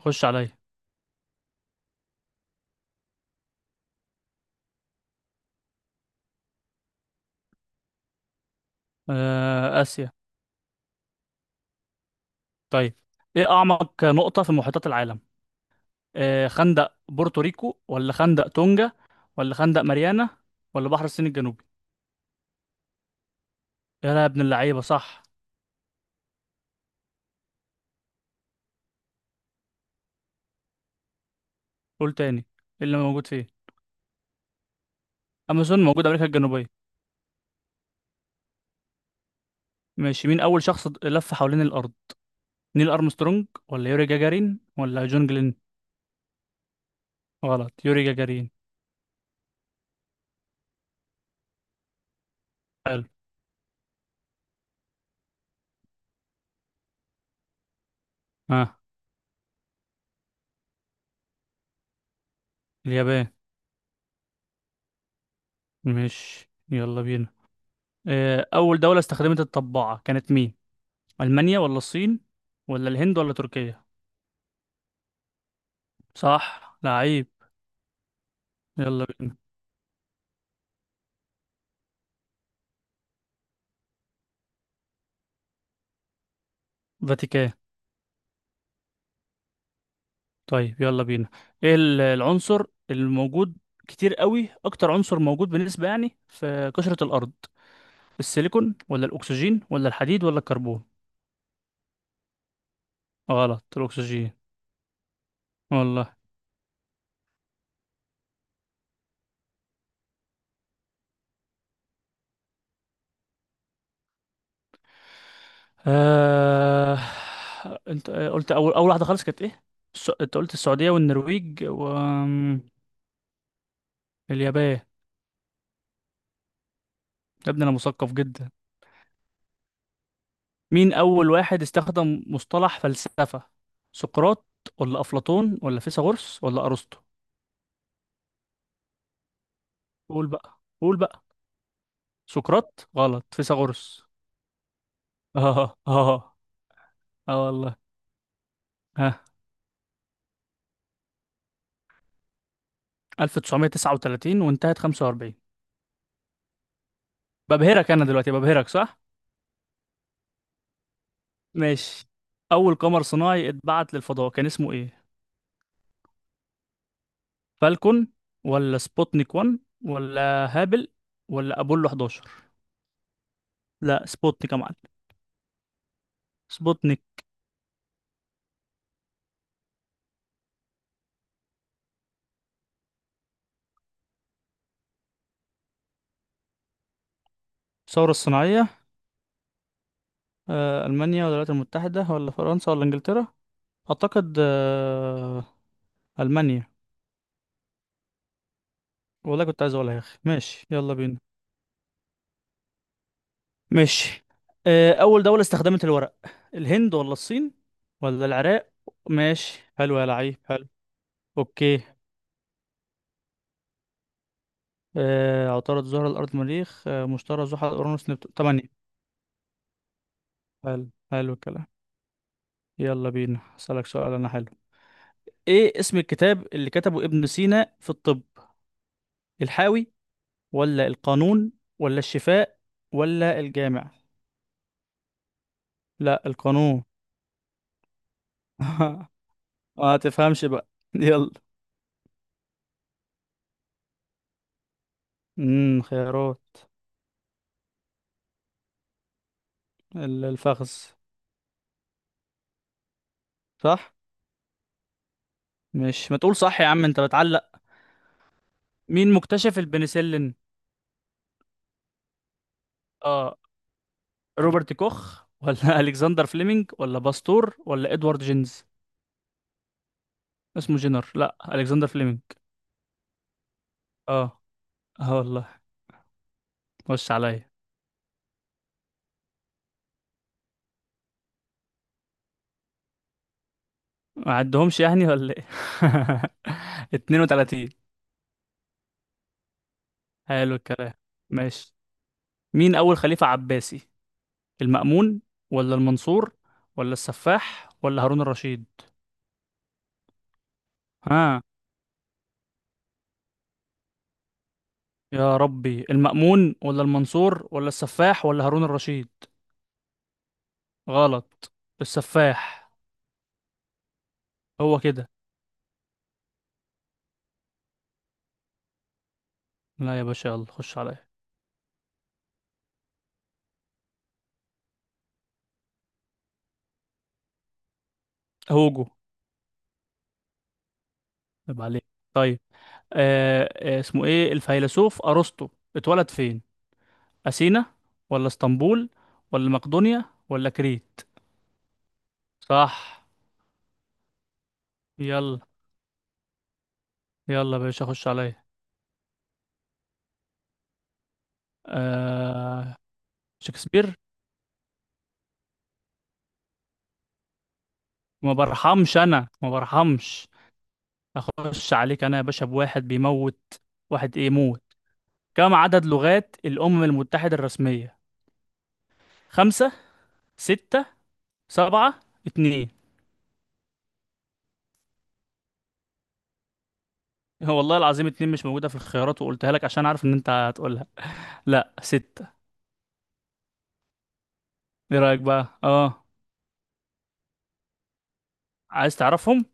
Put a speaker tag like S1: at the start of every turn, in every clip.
S1: خش عليا. آسيا. طيب، إيه أعمق نقطة في محيطات العالم؟ خندق بورتوريكو ولا خندق تونجا ولا خندق ماريانا ولا بحر الصين الجنوبي؟ يا لا يا ابن اللعيبة، صح. قول تاني، إيه اللي موجود فيه؟ أمازون موجود أمريكا الجنوبية. ماشي، مين أول شخص لف حوالين الأرض؟ نيل أرمسترونج ولا يوري جاجارين ولا جون جلين؟ غلط، يوري جاجارين. حلو. ها، اليابان. ماشي يلا بينا. أول دولة استخدمت الطباعة كانت مين؟ ألمانيا ولا الصين ولا الهند ولا تركيا؟ صح لعيب. يلا بينا، فاتيكان. طيب يلا بينا، ايه العنصر الموجود كتير قوي، اكتر عنصر موجود بالنسبة يعني في قشرة الارض؟ السيليكون ولا الاكسجين ولا الحديد ولا الكربون؟ غلط، الاكسجين. والله. آه... انت قلت، اول واحدة خالص كانت ايه؟ انت قلت السعودية والنرويج واليابان. يا ابني انا مثقف جدا. مين أول واحد استخدم مصطلح فلسفة؟ سقراط ولا أفلاطون ولا فيثاغورس ولا أرسطو؟ قول بقى قول بقى. سقراط غلط، فيثاغورس. اه اه اه. والله. ها، 1939 وانتهت 45. ببهرك أنا دلوقتي، ببهرك صح؟ ماشي، أول قمر صناعي اتبعت للفضاء كان اسمه إيه؟ فالكون ولا سبوتنيك 1 ولا هابل ولا أبولو 11؟ لا، سبوتنيك يا معلم. سبوتنيك. الثورة الصناعية. ألمانيا ولا الولايات المتحدة ولا فرنسا ولا إنجلترا؟ أعتقد ألمانيا. والله كنت عايز أقولها يا أخي. ماشي يلا بينا. ماشي. أول دولة استخدمت الورق، الهند ولا الصين ولا العراق؟ ماشي حلو يا لعيب، حلو. أوكي. عطارد، زهرة، الأرض، مريخ، مشتري، زحل، أورانوس، نبتون. تمانية. حلو حلو الكلام. يلا بينا أسألك سؤال أنا. حلو، إيه اسم الكتاب اللي كتبه ابن سينا في الطب؟ الحاوي ولا القانون ولا الشفاء ولا الجامع؟ لا، القانون. ما تفهمش بقى. يلا. خيارات. الفخذ. صح. مش ما تقول صح يا عم، انت بتعلق. مين مكتشف البنسلين؟ اه، روبرت كوخ ولا الكسندر فليمنج ولا باستور ولا ادوارد جينز؟ اسمه جينر. لا، الكسندر فليمنج. اه، اه والله. خش عليا. ما عدهمش يعني ولا ايه؟ 32. حلو الكلام. ماشي، مين أول خليفة عباسي؟ المأمون ولا المنصور ولا السفاح ولا هارون الرشيد؟ ها. يا ربي، المأمون ولا المنصور ولا السفاح ولا هارون الرشيد. غلط، السفاح. هو كده. لا يا باشا يلا خش عليا. هوجو. طيب عليك. طيب. آه. اسمه ايه الفيلسوف أرسطو، اتولد فين؟ أثينا ولا اسطنبول ولا مقدونيا ولا كريت؟ صح. يلا يلا يا باشا خش عليا. آه، شكسبير. ما برحمش انا، ما برحمش. اخش عليك انا يا باشا بواحد بيموت، واحد ايه موت. كم عدد لغات الامم المتحدة الرسمية؟ خمسة، ستة، سبعة، اتنين. هو والله العظيم اتنين مش موجودة في الخيارات، وقلتها لك عشان عارف ان انت هتقولها. لا، ستة. ايه رأيك بقى، اه؟ عايز تعرفهم؟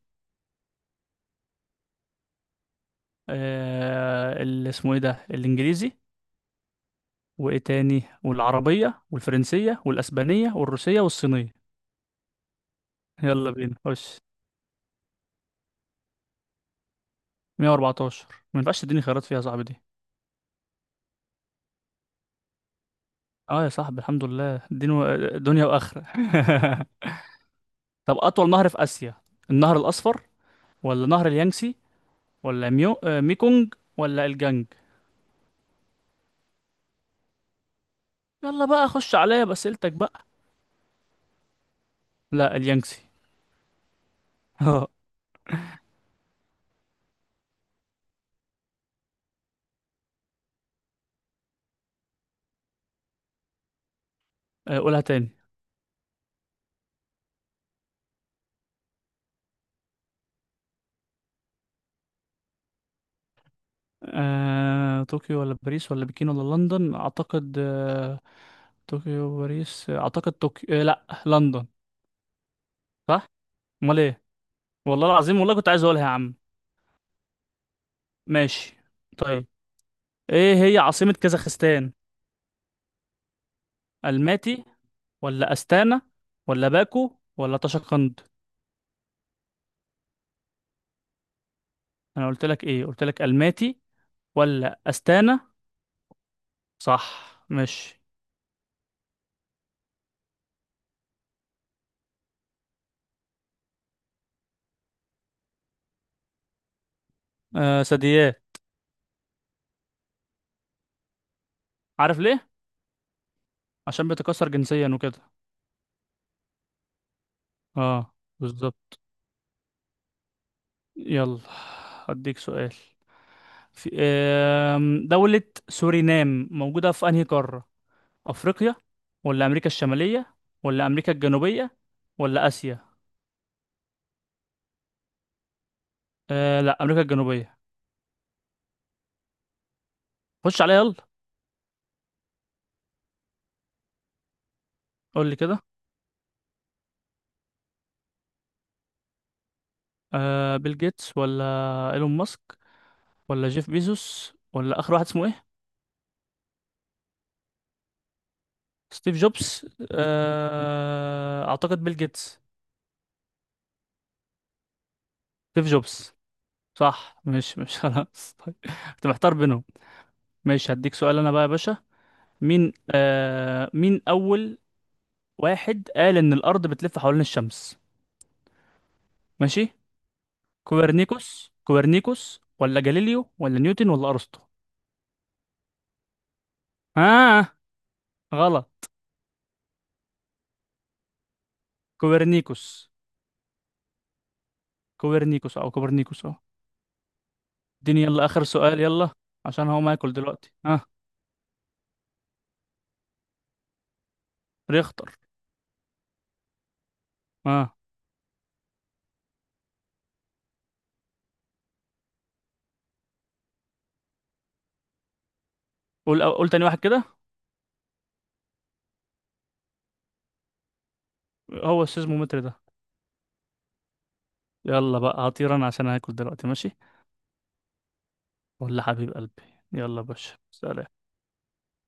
S1: آه، اللي اسمه ايه ده، الانجليزي، وايه تاني، والعربية والفرنسية والاسبانية والروسية والصينية. يلا بينا خش. 114. ما ينفعش تديني خيارات فيها يا صاحبي دي. اه يا صاحبي، الحمد لله، دين و دنيا واخره. طب اطول نهر في اسيا؟ النهر الاصفر ولا نهر اليانسي ولا ميو... آه، ميكونج ولا الجانج؟ يلا بقى خش عليا باسئلتك بقى. لا، اليانسي. اه. قولها تاني. طوكيو ولا باريس ولا بكين ولا لندن؟ اعتقد طوكيو وباريس، اعتقد طوكيو، لا لندن. صح. امال ايه. والله العظيم، والله كنت عايز اقولها يا عم. ماشي. طيب، ايه هي عاصمة كازاخستان؟ الماتي ولا استانا ولا باكو ولا طشقند؟ انا قلت لك ايه، قلت لك الماتي ولا استانا. صح ماشي. ثدييات. عارف ليه؟ عشان بتكسر جنسيا وكده. اه، بالظبط. يلا، هديك سؤال. في دولة سورينام موجودة في انهي قارة؟ افريقيا ولا امريكا الشمالية ولا امريكا الجنوبية ولا اسيا؟ لا، امريكا الجنوبية. خش عليها يلا. قول لي كده. بيل جيتس ولا ايلون ماسك ولا جيف بيزوس ولا اخر واحد اسمه ايه؟ ستيف جوبز، اعتقد بيل جيتس. ستيف جوبز. صح. مش خلاص طيب. كنت محتار بينهم. ماشي، هديك سؤال انا بقى يا باشا. مين مين اول واحد قال ان الارض بتلف حوالين الشمس؟ ماشي. كوبرنيكوس ولا جاليليو ولا نيوتن ولا ارسطو؟ ها، آه. غلط، كوبرنيكوس. كوبرنيكوس او كوبرنيكوس، اه. اديني يلا اخر سؤال، يلا. عشان هو ما ياكل دلوقتي. ها. ريختر. ها. قول، قول تاني واحد كده. هو السيزمومتر ده. يلا بقى هطير انا عشان هاكل دلوقتي، ماشي. ولا حبيب قلبي. يلا يا باشا، سلام.